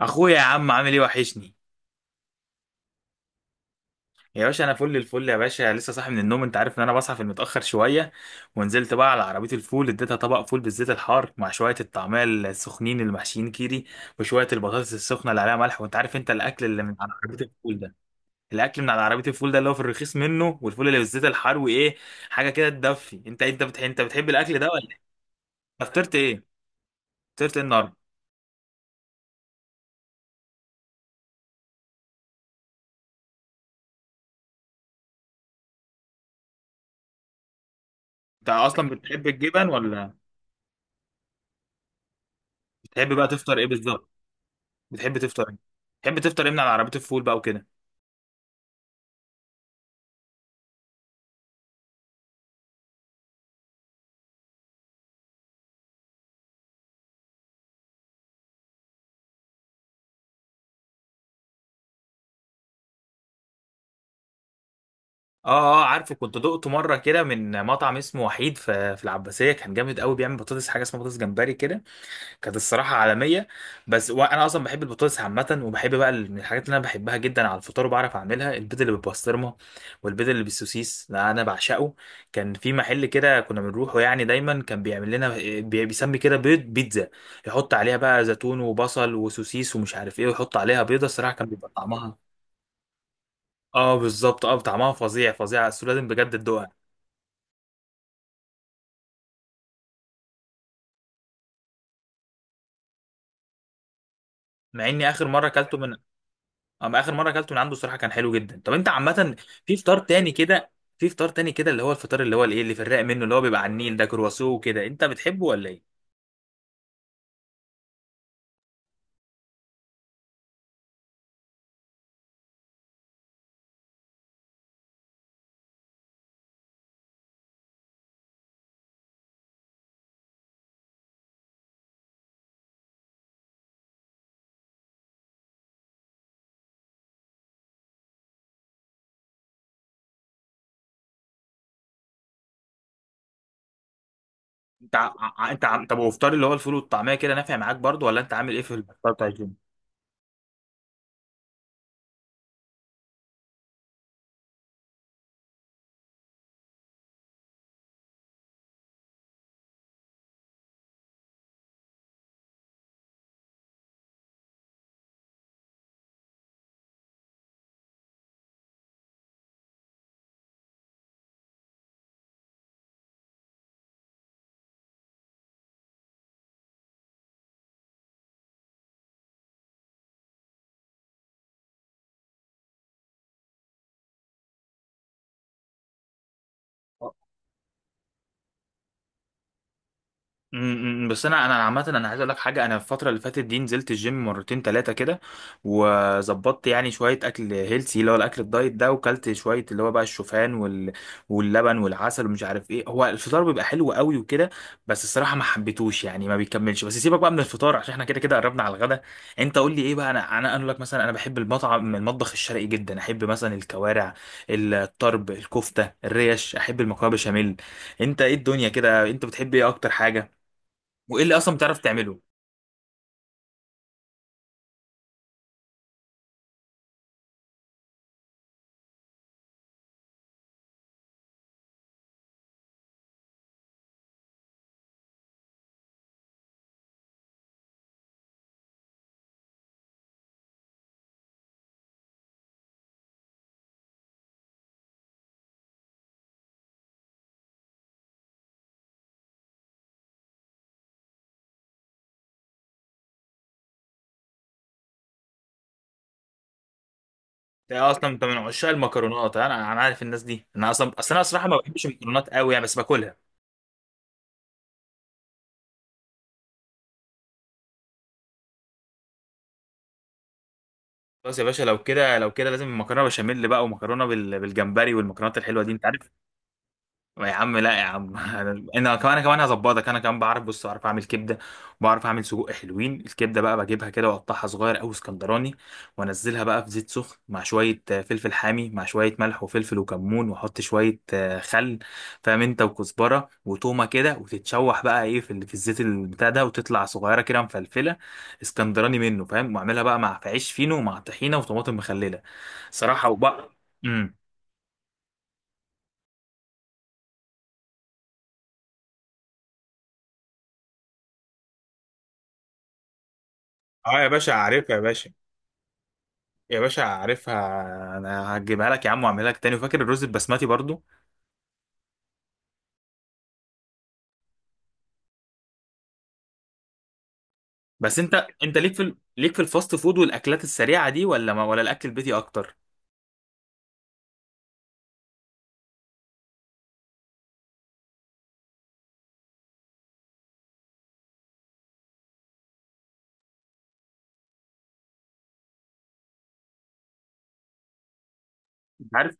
اخويا يا عم عامل ايه وحشني. يا باشا انا فل الفل يا باشا، لسه صاحي من النوم. انت عارف ان انا بصحى في المتاخر شويه، ونزلت بقى على عربيه الفول اديتها طبق فول بالزيت الحار مع شويه الطعميه السخنين المحشيين كيري وشويه البطاطس السخنه اللي عليها ملح. وانت عارف انت الاكل اللي من على عربيه الفول ده، الاكل من على عربيه الفول ده اللي هو في الرخيص منه، والفول اللي بالزيت الحار وايه، حاجه كده تدفي. انت بتحب، بتحب الاكل ده ولا إيه؟ أنت فطرت ايه؟ فطرت ايه النهارده؟ انت اصلا بتحب الجبن ولا بتحب بقى تفطر ايه بالظبط؟ بتحب تفطر إيه؟ بتحب تفطر ايه من على عربية الفول بقى وكده؟ اه، اه عارفه، كنت دقته مرة كده من مطعم اسمه وحيد في العباسية، كان جامد قوي، بيعمل بطاطس حاجة اسمها بطاطس جمبري كده. كانت الصراحة عالمية. بس وانا اصلا بحب البطاطس عامة، وبحب بقى من الحاجات اللي انا بحبها جدا على الفطار وبعرف اعملها البيض اللي بالبسطرمة والبيض اللي بالسوسيس، لا انا بعشقه. كان في محل كده كنا بنروحه يعني، دايما كان بيعمل لنا، بيسمي كده بيض بيتزا، يحط عليها بقى زيتون وبصل وسوسيس ومش عارف ايه، ويحط عليها بيضة. الصراحة كان بيبقى طعمها، اه بالظبط، اه طعمها فظيع فظيع، بس لازم بجد تدوقها. مع اني اخر مره اكلته من، اه ما اخر مره اكلته من عنده الصراحه كان حلو جدا. طب انت عامه في فطار تاني كده؟ في فطار تاني كده اللي هو الفطار اللي هو الايه، اللي في الرايق منه، اللي هو بيبقى على النيل ده، كرواسون وكده، انت بتحبه ولا ايه؟ انت ع... ع- انت عم... طب وفطار اللي هو الفول والطعميه كده نافع معاك برضو، ولا انت عامل ايه في الفطار بتاع الجيم؟ بس انا عامه انا عايز اقول لك حاجه. انا الفتره اللي فاتت دي نزلت الجيم مرتين ثلاثه كده، وظبطت يعني شويه اكل هيلسي اللي هو الاكل الدايت ده، وكلت شويه اللي هو بقى الشوفان واللبن والعسل ومش عارف ايه. هو الفطار بيبقى حلو قوي وكده، بس الصراحه ما حبيتهوش، يعني ما بيكملش. بس سيبك بقى من الفطار عشان احنا كده كده قربنا على الغدا. انت قول لي ايه بقى، انا اقول لك، مثلا انا بحب المطعم المطبخ الشرقي جدا، احب مثلا الكوارع، الطرب، الكفته، الريش، احب المكرونه بشاميل. انت ايه الدنيا كده، انت بتحب ايه اكتر حاجه؟ وايه اللي اصلا بتعرف تعمله؟ انت اصلا انت من عشاق المكرونات، انا عارف الناس دي. انا اصلا اصل انا صراحه ما بحبش المكرونات قوي يعني، بس باكلها. خلاص يا باشا، لو كده لو كده لازم مكرونه بشاميل بقى، ومكرونه بالجمبري، والمكرونات الحلوه دي انت عارف. يا عم، لا يا عم، انا كمان كمان هظبطك، انا كمان بعرف، بص بعرف اعمل كبده، بعرف اعمل سجق حلوين. الكبده بقى بجيبها كده واقطعها صغير او اسكندراني، وانزلها بقى في زيت سخن مع شويه آه، فلفل حامي، مع شويه ملح وفلفل وكمون، واحط شويه آه، خل، فاهم انت، وكزبره وتومه كده، وتتشوح بقى ايه في الزيت البتاع ده، وتطلع صغيره كده مفلفله اسكندراني منه، فاهم. واعملها بقى مع في عيش فينو ومع طحينه وطماطم مخلله صراحه. وبقى امم اه يا باشا عارفها يا باشا، يا باشا عارفها، انا هجيبها لك يا عم واعملها لك تاني. وفاكر الرز البسمتي برضو. بس انت ليك ليك في الفاست فود والاكلات السريعه دي، ولا ما... ولا الاكل البيتي اكتر؟ انت عارف،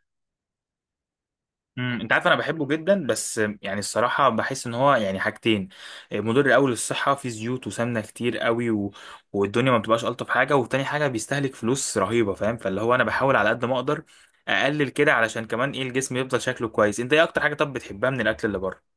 انت عارف انا بحبه جدا، بس يعني الصراحه بحس ان هو يعني حاجتين، مضر قوي للصحه، فيه زيوت وسمنه كتير قوي، و... والدنيا ما بتبقاش الطف حاجه. وتاني حاجه، بيستهلك فلوس رهيبه، فاهم. فاللي هو انا بحاول على قد ما اقدر اقلل كده، علشان كمان ايه، الجسم يفضل شكله كويس. انت ايه اكتر حاجه طب بتحبها من الاكل اللي بره؟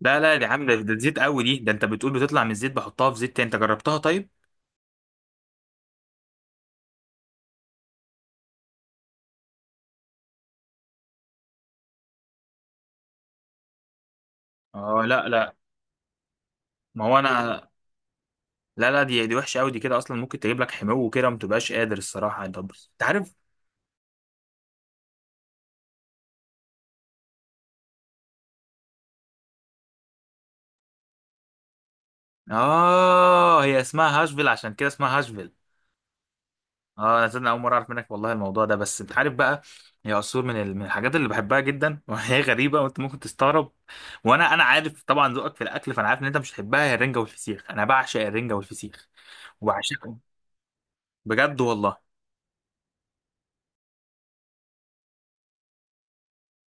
لا لا، دي عامله ده ده زيت قوي، دي ده انت بتقول بتطلع من الزيت بحطها في زيت تاني؟ انت جربتها طيب؟ اه لا لا، ما هو انا، لا لا، دي وحشه قوي دي، كده اصلا ممكن تجيب لك حمو كده ما تبقاش قادر الصراحه. انت بص، انت عارف، اه هي اسمها هاشفيل، عشان كده اسمها هاشفيل. اه انا صدق اول مره اعرف منك والله الموضوع ده. بس انت عارف بقى، هي عصفور من الحاجات اللي بحبها جدا، وهي غريبه وانت ممكن تستغرب. وانا عارف طبعا ذوقك في الاكل، فانا عارف ان انت مش هتحبها. هي الرنجه والفسيخ، انا بعشق الرنجه والفسيخ وبعشقهم بجد والله.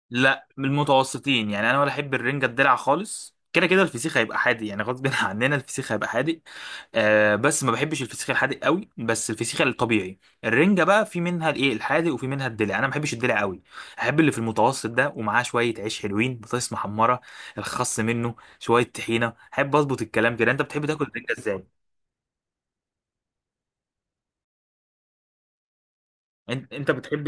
لا من المتوسطين يعني، انا ولا احب الرنجه الدلع خالص. كده كده الفسيخ هيبقى حادق يعني، غصب عننا الفسيخ هيبقى حادق. آه بس ما بحبش الفسيخ الحادق قوي، بس الفسيخ الطبيعي. الرنجه بقى في منها الايه الحادق، وفي منها الدلع، انا ما بحبش الدلع قوي، احب اللي في المتوسط ده، ومعاه شويه عيش حلوين، بطاطس محمره، الخس، منه شويه طحينه، احب اظبط الكلام كده. انت بتحب تاكل الرنجه ازاي؟ انت بتحب،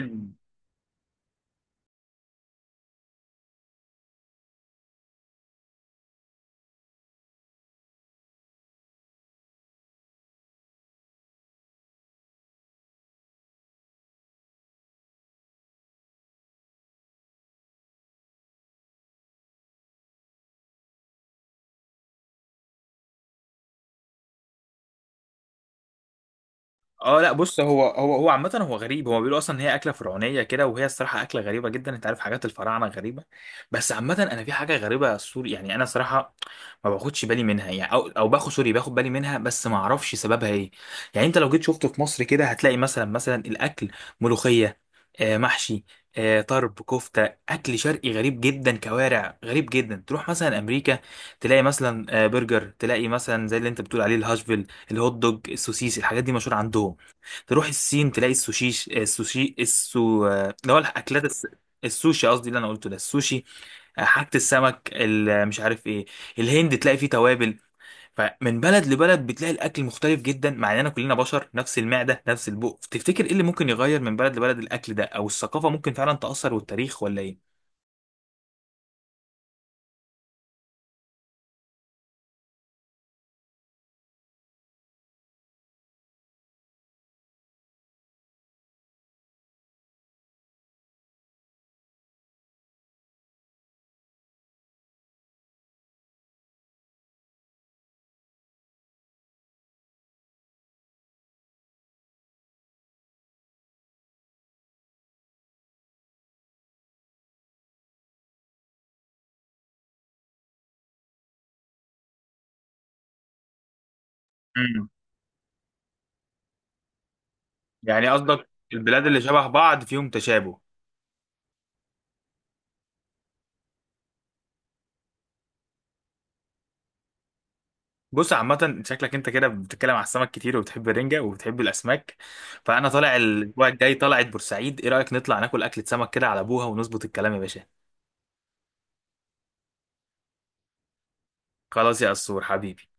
اه لا بص، هو عامة هو غريب، هو بيقولوا اصلا ان هي اكلة فرعونية كده، وهي الصراحة اكلة غريبة جدا. انت عارف حاجات الفراعنة غريبة، بس عامة انا في حاجة غريبة، سوري يعني، انا صراحة ما باخدش بالي منها يعني، او باخد، سوري، باخد بالي منها بس ما اعرفش سببها ايه. يعني انت لو جيت شفته في مصر كده هتلاقي مثلا، الاكل، ملوخية، آه محشي، آه طرب، كفتة، اكل شرقي غريب جدا، كوارع غريب جدا. تروح مثلا امريكا تلاقي مثلا آه برجر، تلاقي مثلا زي اللي انت بتقول عليه الهاشفيل، الهوت دوج، السوسيس، الحاجات دي مشهورة عندهم. تروح الصين تلاقي السوشيش، آه، السوشي، السو آه، اللي هو الأكلات الس... السوشي قصدي اللي أنا قلته ده، السوشي، آه، حاجة السمك، مش عارف إيه. الهند تلاقي فيه توابل. فمن بلد لبلد بتلاقي الأكل مختلف جدا، مع إننا كلنا بشر، نفس المعدة نفس البق. تفتكر إيه اللي ممكن يغير من بلد لبلد الأكل ده؟ أو الثقافة ممكن فعلا تأثر والتاريخ ولا إيه؟ مم. يعني قصدك البلاد اللي شبه بعض فيهم تشابه؟ بص عامة شكلك انت كده بتتكلم على السمك كتير، وبتحب الرنجة وبتحب الأسماك. فأنا طالع الأسبوع الجاي، طلعت بورسعيد، إيه رأيك نطلع ناكل أكلة سمك كده على أبوها ونظبط الكلام يا باشا؟ خلاص يا قصور حبيبي.